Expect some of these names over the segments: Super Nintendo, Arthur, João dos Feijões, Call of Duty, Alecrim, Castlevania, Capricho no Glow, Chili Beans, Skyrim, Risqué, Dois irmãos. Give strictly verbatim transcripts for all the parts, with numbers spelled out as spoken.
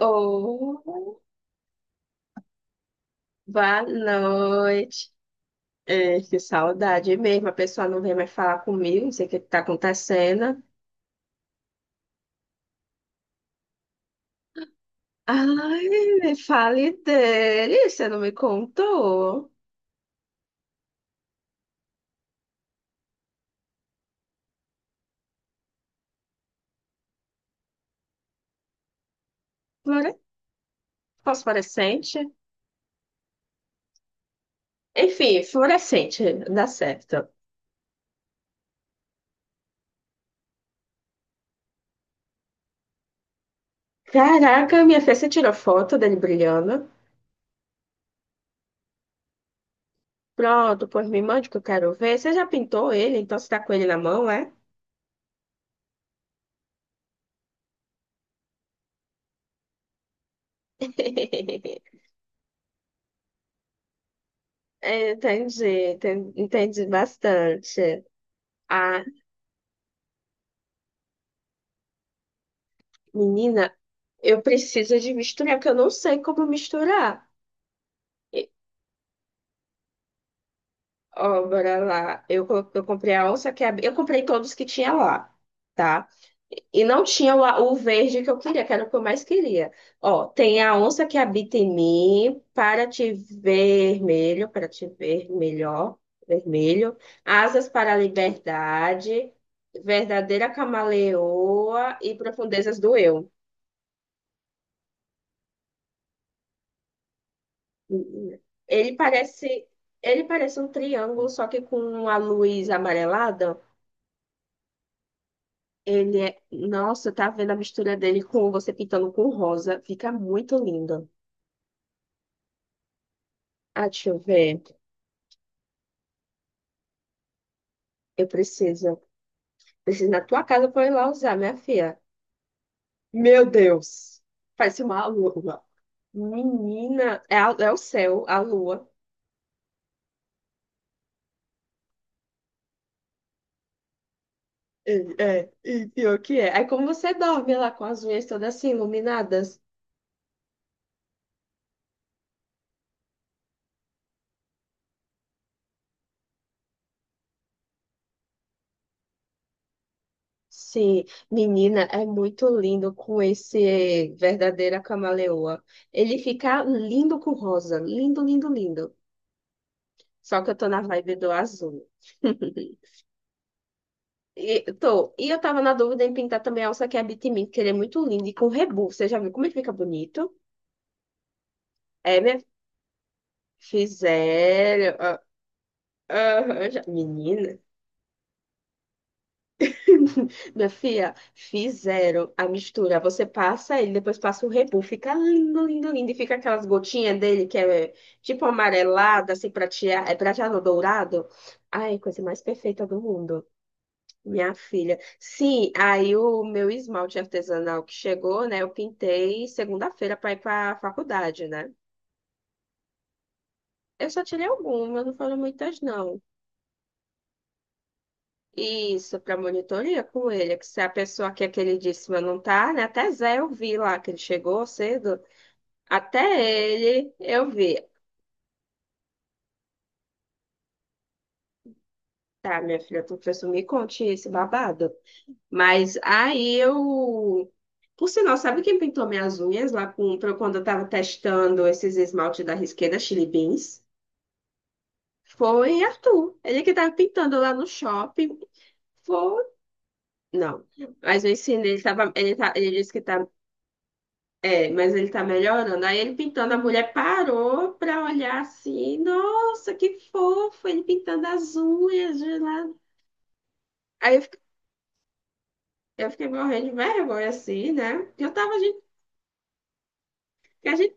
Oh, boa noite. É, que saudade mesmo. A pessoa não vem mais falar comigo, não sei o que está acontecendo. Ai, me fale dele, você não me contou. Flore- Fosforescente? Enfim, fluorescente, dá certo. Caraca, minha filha, você tirou foto dele brilhando? Pronto, pois me mande que eu quero ver. Você já pintou ele, então você tá com ele na mão, é? É, entendi, enten- entendi bastante. Ah. Menina, eu preciso de misturar, porque eu não sei como misturar. E- Ó, bora lá. Eu, co- eu comprei a onça que é, eu comprei todos que tinha lá, tá? E não tinha o, a- o verde que eu queria, que era o que eu mais queria. Ó, tem a onça que habita em mim, para te vermelho, para te ver melhor, vermelho, asas para a liberdade, verdadeira camaleoa e profundezas do eu. Ele parece, ele parece um triângulo, só que com uma luz amarelada. Ele é, nossa, tá vendo a mistura dele com você pintando com rosa? Fica muito lindo. Ah, deixa eu ver. Eu preciso, preciso ir na tua casa pra eu ir lá usar, minha filha. Meu Deus, parece uma lua. Menina, é, a- é o céu, a lua. É, é, e pior que é. Aí como você dorme lá com as unhas todas assim iluminadas? Sim, menina, é muito lindo com esse verdadeira camaleoa. Ele fica lindo com rosa, lindo, lindo, lindo. Só que eu tô na vibe do azul. E, tô, e eu tava na dúvida em pintar também a alça que habita em mim, que ele é muito lindo e com rebu. Você já viu como ele fica bonito? É, minha... Fizeram. ah, ah, já... Menina. Minha filha, fizeram a mistura. Você passa ele, depois passa o rebu. Fica lindo, lindo, lindo. E fica aquelas gotinhas dele que é eh, tipo amarelada, assim, prateado, é prateado dourado. Ai, coisa mais perfeita do mundo. Minha filha. Sim, aí o meu esmalte artesanal que chegou, né? Eu pintei segunda-feira para ir para a faculdade, né? Eu só tirei algumas, não foram muitas, não. Isso, para monitoria com ele, que se a pessoa que é queridíssima não tá, né? Até Zé eu vi lá, que ele chegou cedo, até ele eu vi. Tá, minha filha, tu fez me conte esse babado. Mas aí eu. Por sinal, sabe quem pintou minhas unhas lá com, pra- quando eu tava testando esses esmalte da Risqué da Chili Beans? Foi Arthur. Ele que tava pintando lá no shopping. Foi. Não. Mas eu ensinei, ele, tava, ele, tá, ele disse que tá. É, mas ele tá melhorando. Aí ele pintando, a mulher parou pra olhar assim, nossa, que fofo, ele pintando as unhas de lado. Aí eu fiquei, eu fiquei morrendo de vergonha, assim, né? Porque eu tava, gente, que a gente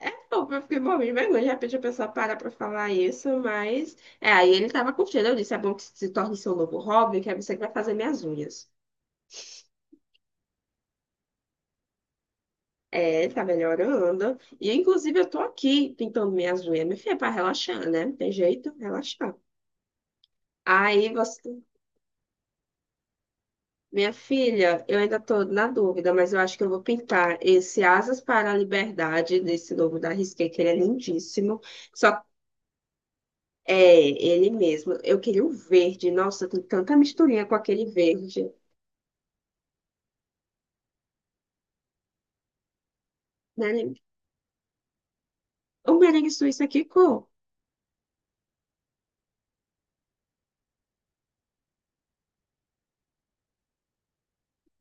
é fofo, eu fiquei morrendo de vergonha. De repente a pessoa para pra falar isso, mas. É, aí ele tava curtindo, eu disse, é bom que se torne seu novo hobby, que é você que vai fazer minhas unhas. É, ele tá melhorando. E inclusive eu tô aqui pintando minhas unhas, minha filha, é pra relaxar, né? Não tem jeito, relaxar. Aí você. Minha filha, eu ainda estou na dúvida, mas eu acho que eu vou pintar esse Asas para a Liberdade desse novo da Risqué, que ele é lindíssimo. Só é ele mesmo. Eu queria o verde. Nossa, tem tanta misturinha com aquele verde. Merengue- O merengue suíço aqui, cor.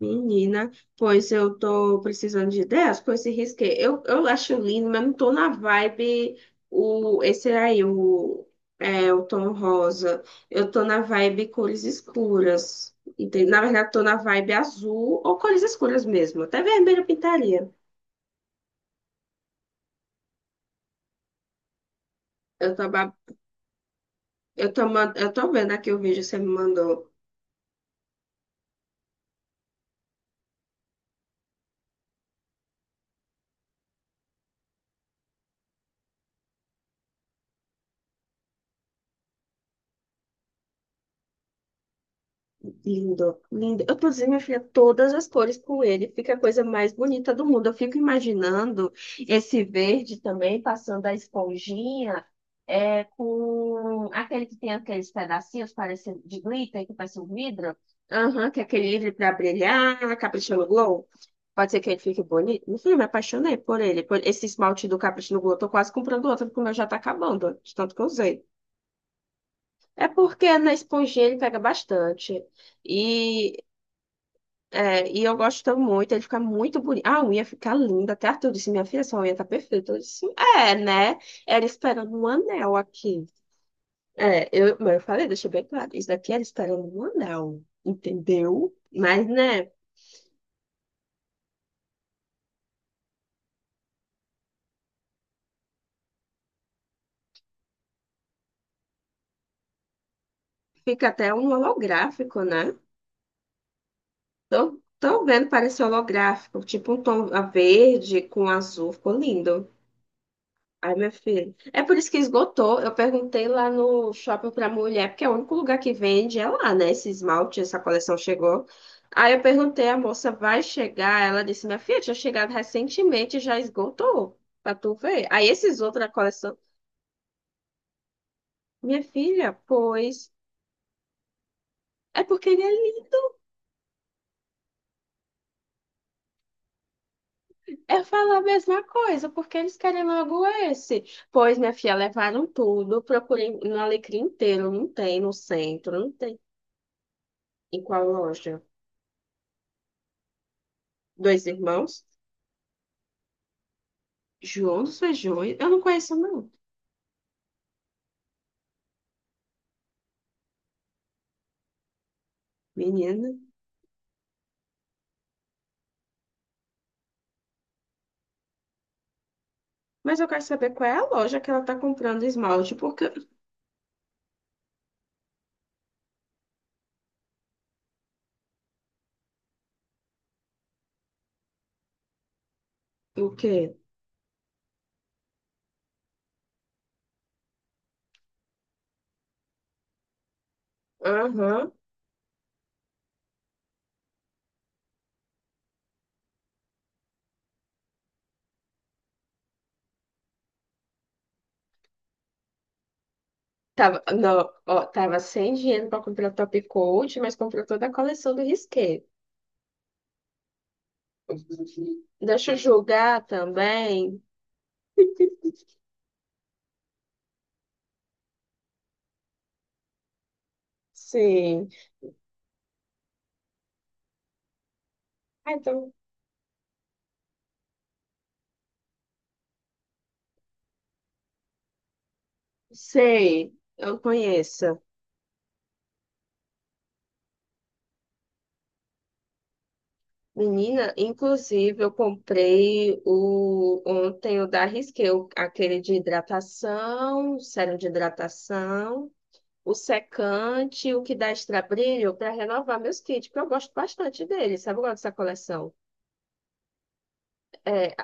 Menina, pois eu tô precisando de ideias com esse risqué. Eu, eu acho lindo, mas não tô na vibe o, esse aí, o, é, o tom rosa. Eu tô na vibe cores escuras. Entende? Na verdade, tô na vibe azul ou cores escuras mesmo. Até vermelho eu pintaria. Eu tô, ba- eu tô, man- eu tô vendo aqui o vídeo que você me mandou. Lindo, lindo. Eu, inclusive, minha filha, todas as cores com ele, fica a coisa mais bonita do mundo. Eu fico imaginando esse verde também, passando a esponjinha, é, com aquele que tem aqueles pedacinhos parecendo de glitter, que parece um vidro. Aham, que é aquele livre para brilhar, Capricho no Glow. Pode ser que ele fique bonito. Meu filho, me apaixonei por ele, por esse esmalte do Capricho no Glow. Eu tô quase comprando outro, porque o meu já tá acabando, de tanto que eu usei. É porque na esponjinha ele pega bastante. E é, e eu gosto muito, ele fica muito bonito. Ah, a unha fica linda. Até Arthur disse, minha filha, sua unha tá perfeita. Eu disse, é, né? Era esperando um anel aqui. É, eu, mas eu falei, deixa bem claro, isso daqui era esperando um anel, entendeu? Mas, né, fica até um holográfico, né? Tô, tô vendo, parece holográfico, tipo um tom a verde com azul, ficou lindo. Ai, minha filha. É por isso que esgotou. Eu perguntei lá no shopping pra mulher, porque é o único lugar que vende, é lá, né? Esse esmalte, essa coleção chegou. Aí eu perguntei, a moça vai chegar? Ela disse, minha filha, tinha chegado recentemente, já esgotou, pra tu ver. Aí esses outros da coleção, minha filha, pois. É porque ele é lindo. Eu falo a mesma coisa, porque eles querem logo esse. Pois, minha filha, levaram tudo. Procurei no Alecrim inteiro, não tem no centro, não tem. Em qual loja? Dois irmãos? João dos Feijões? Eu não conheço, não, menina. Mas eu quero saber qual é a loja que ela tá comprando esmalte, porque... O quê? Aham. Tava, não, ó, tava sem dinheiro pra comprar top coat, mas comprou toda a coleção do Risqué. Deixa eu julgar também. Sim. Ah, então, sei, eu conheço. Menina, inclusive, eu comprei o ontem o da Risqué, o- aquele de hidratação, sérum de hidratação. O secante, o que dá extra brilho para renovar meus kits, porque eu gosto bastante deles, sabe? Eu gosto dessa coleção. É,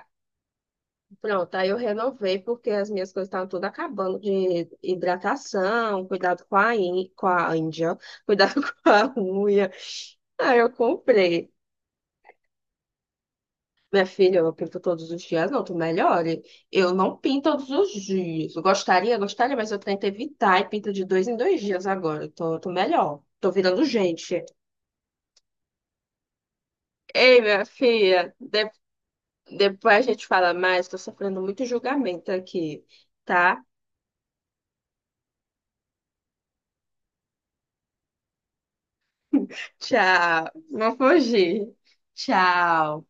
pronto, aí eu renovei porque as minhas coisas estavam todas acabando de hidratação, cuidado com a, in, com a Índia, cuidado com a unha. Aí eu comprei. Minha filha, eu pinto todos os dias, não, tu melhore. Eu não pinto todos os dias. Eu gostaria, gostaria, mas eu tento evitar e pinto de dois em dois dias agora. Eu Tô, tô melhor. Tô virando gente. Ei, minha filha, depois a gente fala mais, tô sofrendo muito julgamento aqui, tá? Tchau. Não fugir. Tchau.